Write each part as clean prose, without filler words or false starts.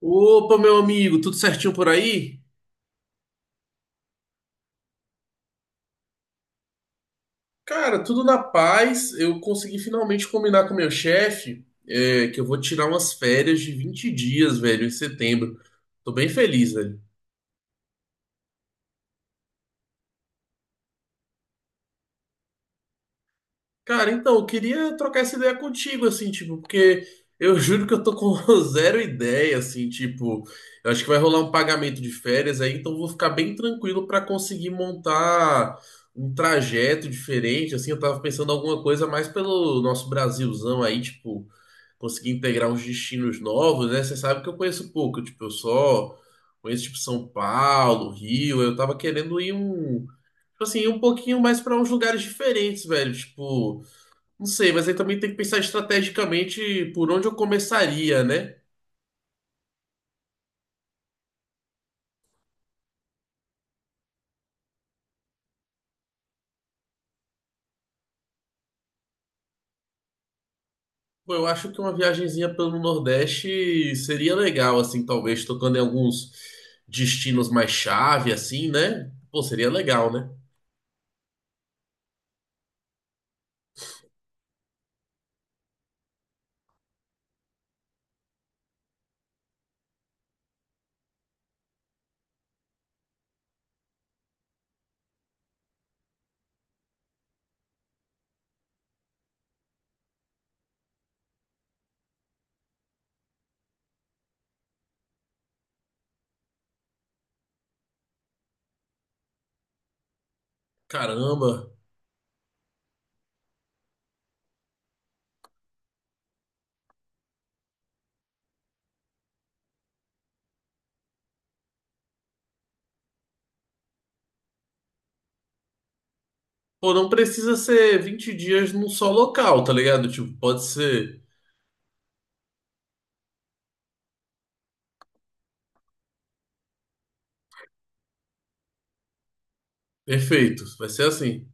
Opa, meu amigo, tudo certinho por aí? Cara, tudo na paz. Eu consegui finalmente combinar com meu chefe, é, que eu vou tirar umas férias de 20 dias, velho, em setembro. Tô bem feliz, velho. Cara, então, eu queria trocar essa ideia contigo, assim, tipo, porque eu juro que eu tô com zero ideia, assim, tipo, eu acho que vai rolar um pagamento de férias aí, então eu vou ficar bem tranquilo pra conseguir montar um trajeto diferente, assim, eu tava pensando em alguma coisa mais pelo nosso Brasilzão aí, tipo. Conseguir integrar uns destinos novos, né? Você sabe que eu conheço pouco, tipo, eu só conheço tipo São Paulo, Rio, eu tava querendo ir um tipo assim, ir um pouquinho mais pra uns lugares diferentes, velho, tipo, não sei, mas aí também tem que pensar estrategicamente por onde eu começaria, né? Pô, eu acho que uma viagenzinha pelo Nordeste seria legal, assim, talvez tocando em alguns destinos mais chave, assim, né? Pô, seria legal, né? Caramba. Pô, não precisa ser 20 dias num só local, tá ligado? Tipo, pode ser. Perfeito, vai ser assim.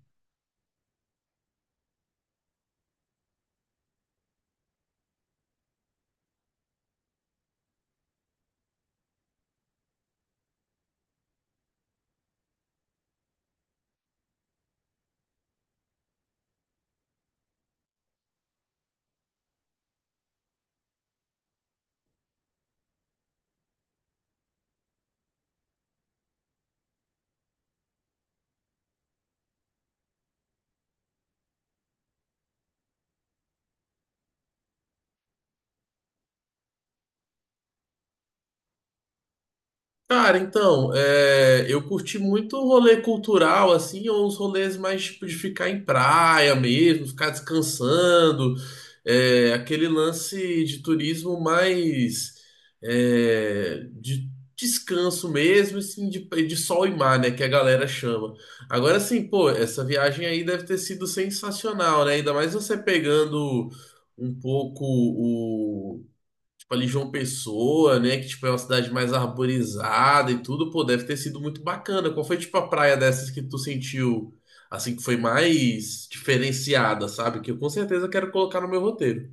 Cara, então, é, eu curti muito o rolê cultural, assim, ou os rolês mais tipo de ficar em praia mesmo, ficar descansando, é, aquele lance de turismo mais é, de descanso mesmo, assim, de sol e mar, né, que a galera chama. Agora, assim, pô, essa viagem aí deve ter sido sensacional, né? Ainda mais você pegando um pouco tipo ali João Pessoa, né, que tipo é uma cidade mais arborizada e tudo, pô, deve ter sido muito bacana. Qual foi tipo a praia dessas que tu sentiu assim que foi mais diferenciada, sabe? Que eu com certeza quero colocar no meu roteiro.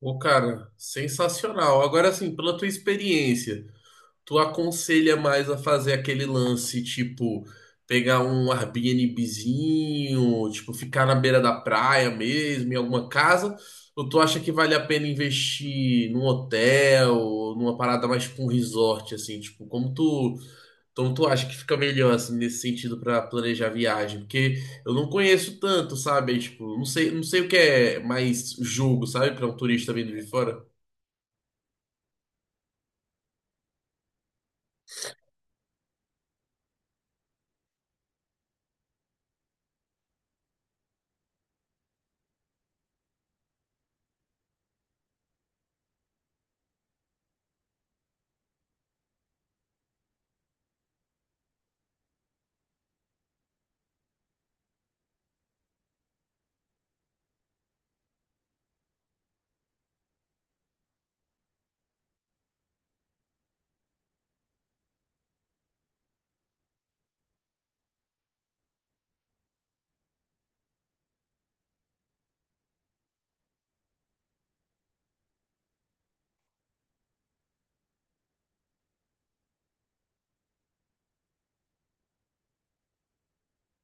Pô, cara, sensacional. Agora assim, pela tua experiência. Tu aconselha mais a fazer aquele lance, tipo, pegar um Airbnbzinho, tipo, ficar na beira da praia mesmo, em alguma casa? Ou tu acha que vale a pena investir num hotel, ou numa parada mais tipo um resort, assim, tipo, como tu acha que fica melhor, assim, nesse sentido pra planejar a viagem? Porque eu não conheço tanto, sabe? Aí, tipo, não sei o que é mais jogo, sabe? Pra um turista vindo de fora.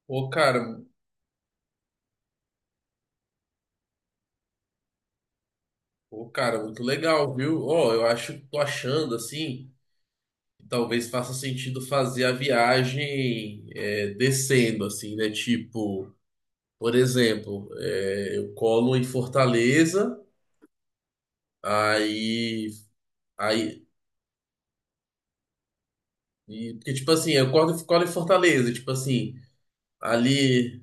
Pô, cara, Pô, cara, muito legal, viu? Ó, eu acho, tô achando assim, que talvez faça sentido fazer a viagem é, descendo, assim, né? Tipo, por exemplo, é, eu colo em Fortaleza, aí, aí, porque tipo assim, eu colo em Fortaleza, tipo assim, ali.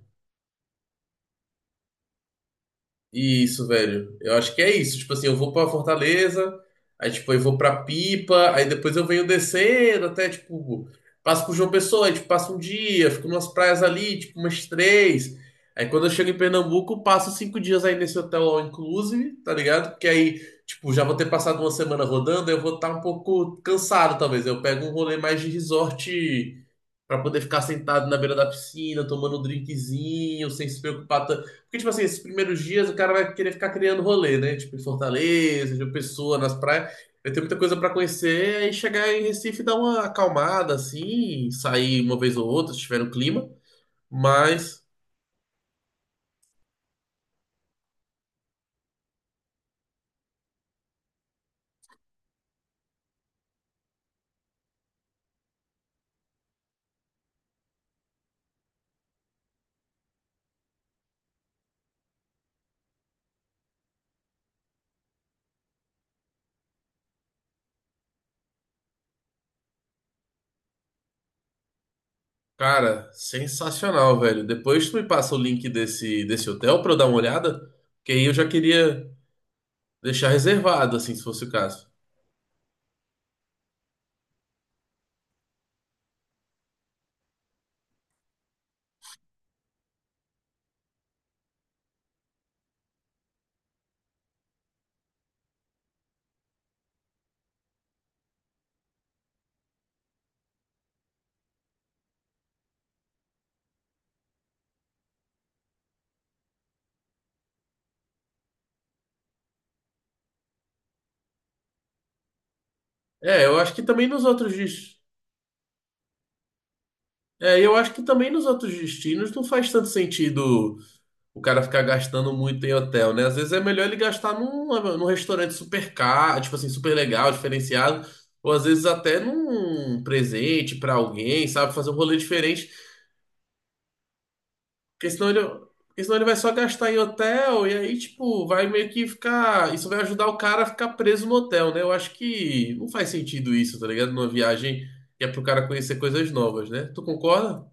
Isso, velho. Eu acho que é isso. Tipo assim, eu vou pra Fortaleza, aí tipo, eu vou pra Pipa, aí depois eu venho descendo até tipo, passo por João Pessoa, aí tipo, passo um dia, fico nas praias ali, tipo, umas três. Aí quando eu chego em Pernambuco, passo 5 dias aí nesse hotel all inclusive, tá ligado? Porque aí, tipo, já vou ter passado uma semana rodando, eu vou estar um pouco cansado, talvez. Eu pego um rolê mais de resort pra poder ficar sentado na beira da piscina, tomando um drinkzinho, sem se preocupar tanto. Porque, tipo assim, esses primeiros dias o cara vai querer ficar criando rolê, né? Tipo, em Fortaleza, de Pessoa, nas praias. Vai ter muita coisa pra conhecer. Aí chegar em Recife e dar uma acalmada, assim, sair uma vez ou outra, se tiver no clima. Mas, cara, sensacional, velho. Depois tu me passa o link desse hotel pra eu dar uma olhada. Porque aí eu já queria deixar reservado, assim, se fosse o caso. É, eu acho que também nos outros destinos. É, eu acho que também nos outros destinos não faz tanto sentido o cara ficar gastando muito em hotel, né? Às vezes é melhor ele gastar num restaurante super caro, tipo assim, super legal, diferenciado, ou às vezes até num presente pra alguém, sabe? Fazer um rolê diferente, porque senão ele, porque senão ele vai só gastar em hotel e aí, tipo, vai meio que ficar. Isso vai ajudar o cara a ficar preso no hotel, né? Eu acho que não faz sentido isso, tá ligado? Numa viagem que é pro cara conhecer coisas novas, né? Tu concorda?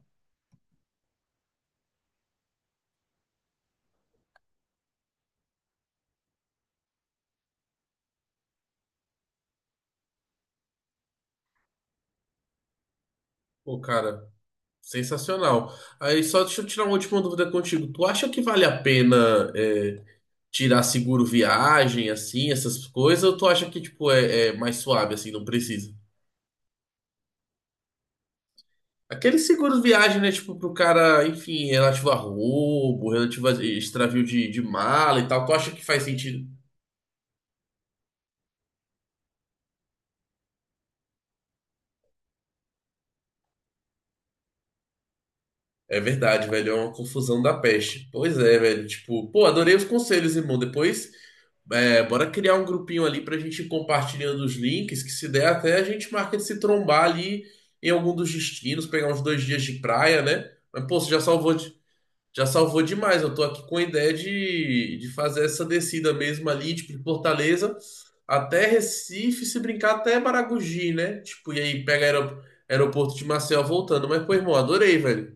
Pô, cara. Sensacional. Aí só deixa eu tirar uma última dúvida contigo. Tu acha que vale a pena é, tirar seguro viagem, assim, essas coisas, ou tu acha que, tipo, é, é mais suave, assim, não precisa? Aquele seguro viagem, né, tipo, pro cara, enfim, relativo a roubo, relativo a extravio de mala e tal, tu acha que faz sentido? É verdade, velho, é uma confusão da peste. Pois é, velho, tipo, pô, adorei os conselhos, irmão. Depois. É, bora criar um grupinho ali pra gente ir compartilhando os links, que se der até a gente marca de se trombar ali em algum dos destinos, pegar uns 2 dias de praia, né? Mas, pô, você já salvou demais. Eu tô aqui com a ideia de fazer essa descida mesmo ali, tipo, de Fortaleza até Recife, se brincar até Maragogi, né? Tipo, e aí pega aeroporto de Maceió voltando. Mas, pô, irmão, adorei, velho.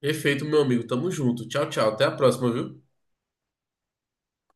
Perfeito, meu amigo. Tamo junto. Tchau, tchau. Até a próxima, viu?